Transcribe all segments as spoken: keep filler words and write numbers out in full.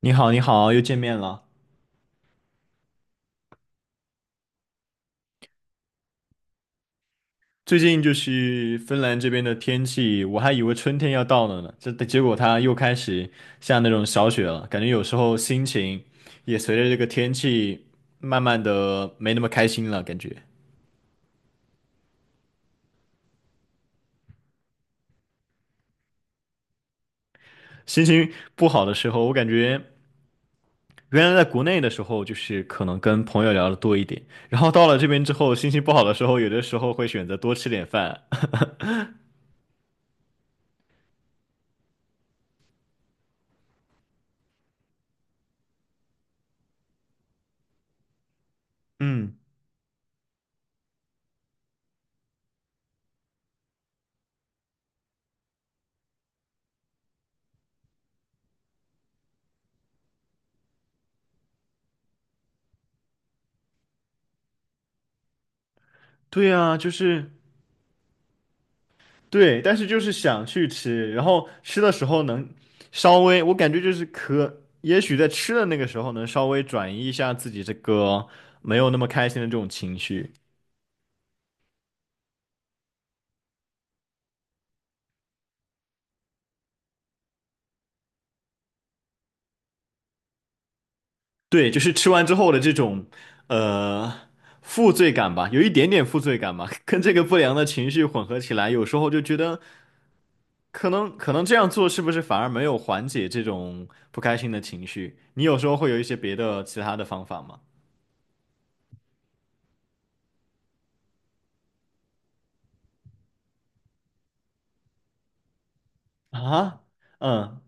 你好，你好，又见面了。最近就是芬兰这边的天气，我还以为春天要到了呢，这结果它又开始下那种小雪了，感觉有时候心情也随着这个天气慢慢的没那么开心了，感觉心情不好的时候，我感觉原来在国内的时候就是可能跟朋友聊的多一点，然后到了这边之后，心情不好的时候，有的时候会选择多吃点饭。嗯，对啊，就是。对，但是就是想去吃，然后吃的时候能稍微，我感觉就是可，也许在吃的那个时候能稍微转移一下自己这个没有那么开心的这种情绪。对，就是吃完之后的这种呃负罪感吧，有一点点负罪感吧，跟这个不良的情绪混合起来，有时候就觉得可能可能这样做是不是反而没有缓解这种不开心的情绪？你有时候会有一些别的其他的方法吗？啊，嗯。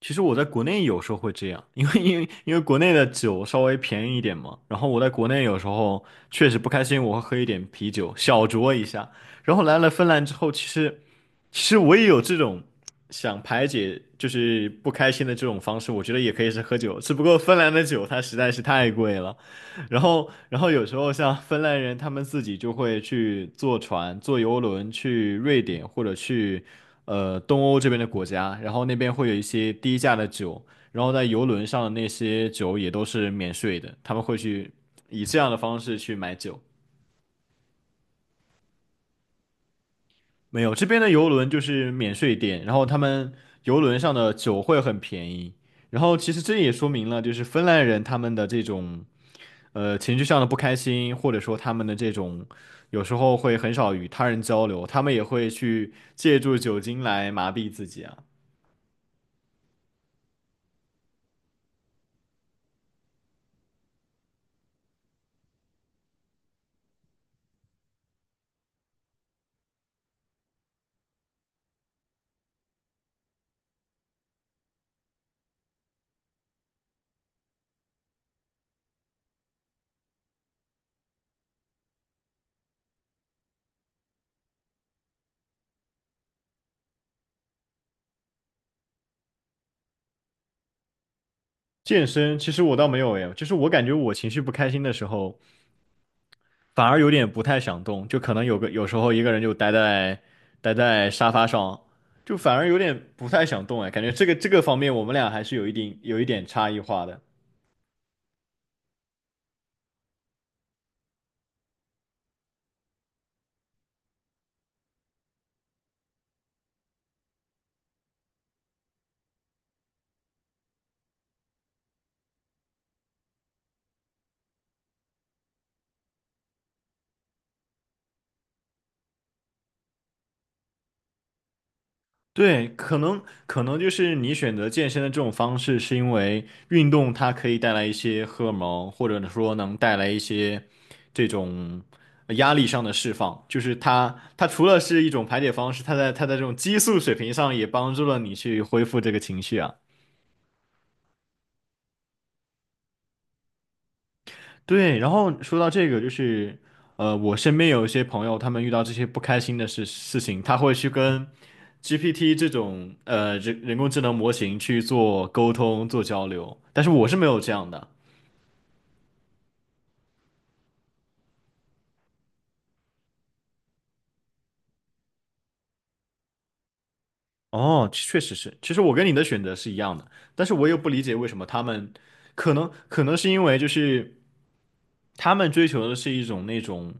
其实我在国内有时候会这样，因为因为因为国内的酒稍微便宜一点嘛，然后我在国内有时候确实不开心，我会喝一点啤酒，小酌一下。然后来了芬兰之后，其实其实我也有这种想排解就是不开心的这种方式，我觉得也可以是喝酒，只不过芬兰的酒它实在是太贵了。然后，然后有时候像芬兰人，他们自己就会去坐船、坐游轮去瑞典或者去呃东欧这边的国家，然后那边会有一些低价的酒，然后在游轮上的那些酒也都是免税的，他们会去以这样的方式去买酒。没有，这边的游轮就是免税店，然后他们游轮上的酒会很便宜。然后其实这也说明了，就是芬兰人他们的这种。呃情绪上的不开心，或者说他们的这种有时候会很少与他人交流，他们也会去借助酒精来麻痹自己啊。健身其实我倒没有诶，就是我感觉我情绪不开心的时候，反而有点不太想动，就可能有个有时候一个人就待在待在沙发上，就反而有点不太想动哎，感觉这个这个方面我们俩还是有一定有一点差异化的。对，可能可能就是你选择健身的这种方式，是因为运动它可以带来一些荷尔蒙，或者说能带来一些这种呃压力上的释放。就是它它除了是一种排解方式，它在它在这种激素水平上也帮助了你去恢复这个情绪啊。对，然后说到这个，就是呃，我身边有一些朋友，他们遇到这些不开心的事事情，他会去跟 G P T 这种呃人人工智能模型去做沟通、做交流，但是我是没有这样的。哦，确实是。其实我跟你的选择是一样的，但是我又不理解为什么他们，可能可能是因为就是他们追求的是一种那种，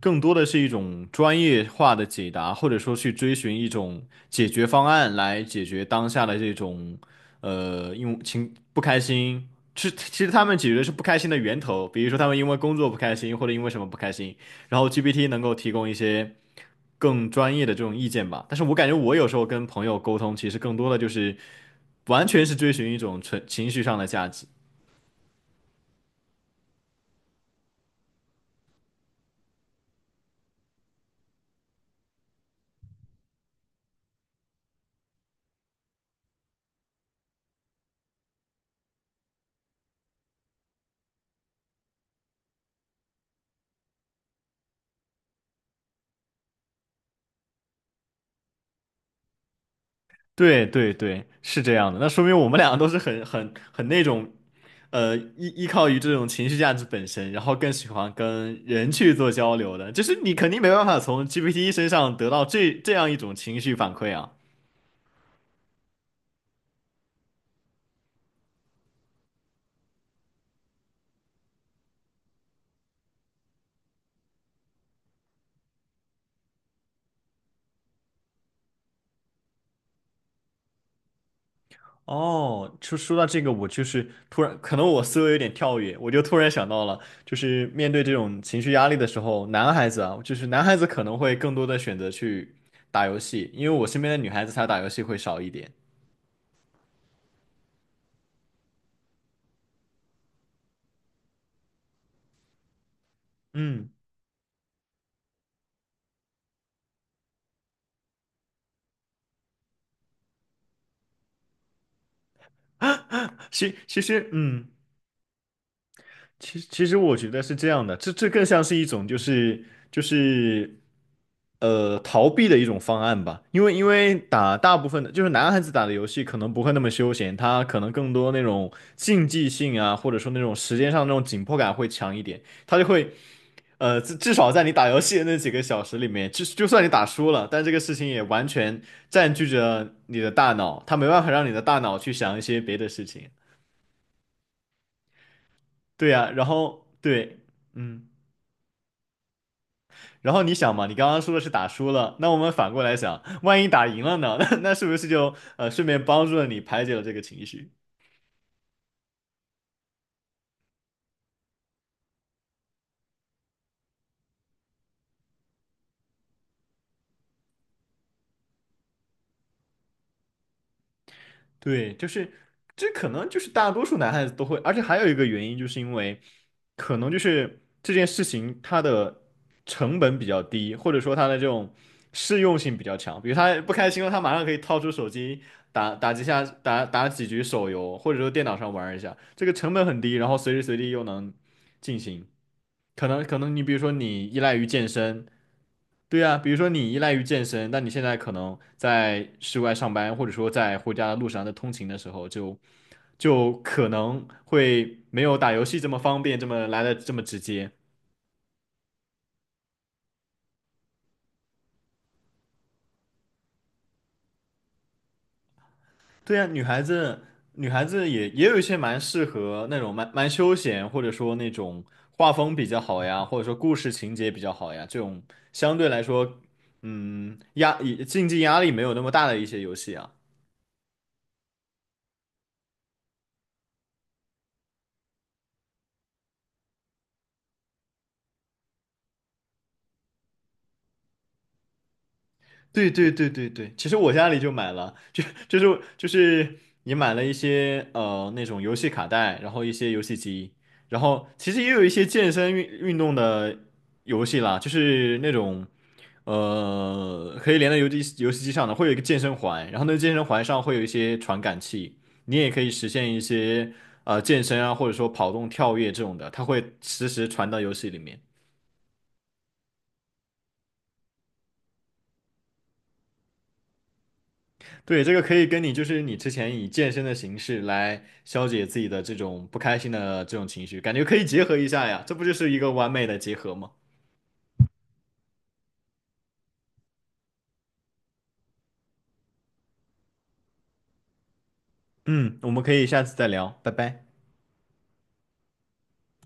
更多的是一种专业化的解答，或者说去追寻一种解决方案来解决当下的这种，呃，因为情不开心。是，其实他们解决的是不开心的源头，比如说他们因为工作不开心，或者因为什么不开心，然后 G P T 能够提供一些。更专业的这种意见吧。但是我感觉我有时候跟朋友沟通，其实更多的就是完全是追寻一种纯情绪上的价值。对对对，是这样的。那说明我们两个都是很很很那种呃依依靠于这种情绪价值本身，然后更喜欢跟人去做交流的。就是你肯定没办法从 G P T 身上得到这这样一种情绪反馈啊。哦，就说到这个，我就是突然，可能我思维有点跳跃，我就突然想到了，就是面对这种情绪压力的时候，男孩子啊，就是男孩子可能会更多的选择去打游戏，因为我身边的女孩子她打游戏会少一点。嗯，其其实，嗯。其实，其实我觉得是这样的，这这更像是一种就是就是呃逃避的一种方案吧，因为因为打大部分的就是男孩子打的游戏可能不会那么休闲，他可能更多那种竞技性啊，或者说那种时间上那种紧迫感会强一点，他就会呃至至少在你打游戏的那几个小时里面，就就算你打输了，但这个事情也完全占据着你的大脑，他没办法让你的大脑去想一些别的事情，对呀，然后对，嗯。然后你想嘛，你刚刚说的是打输了，那我们反过来想，万一打赢了呢？那那是不是就呃顺便帮助了你排解了这个情绪？对，就是这可能就是大多数男孩子都会，而且还有一个原因，就是因为可能就是这件事情它的成本比较低，或者说它的这种适用性比较强。比如他不开心了，他马上可以掏出手机打打几下，打打几局手游，或者说电脑上玩一下，这个成本很低，然后随时随地又能进行。可能可能你比如说你依赖于健身，对呀，比如说你依赖于健身，但你现在可能在室外上班，或者说在回家的路上在通勤的时候就，就可能会没有打游戏这么方便，这么来的这么直接。对呀，女孩子女孩子也也有一些蛮适合那种蛮蛮休闲，或者说那种画风比较好呀，或者说故事情节比较好呀，这种相对来说，嗯，压竞技压力没有那么大的一些游戏啊。对对对对对，其实我家里就买了，就就是就是你买了一些呃那种游戏卡带，然后一些游戏机，然后其实也有一些健身运运动的游戏啦，就是那种呃可以连到游戏游戏机上的，会有一个健身环，然后那个健身环上会有一些传感器，你也可以实现一些呃健身啊，或者说跑动、跳跃这种的，它会实时传到游戏里面。对，这个可以跟你就是你之前以健身的形式来消解自己的这种不开心的这种情绪，感觉可以结合一下呀，这不就是一个完美的结合吗？嗯，我们可以下次再聊，拜拜。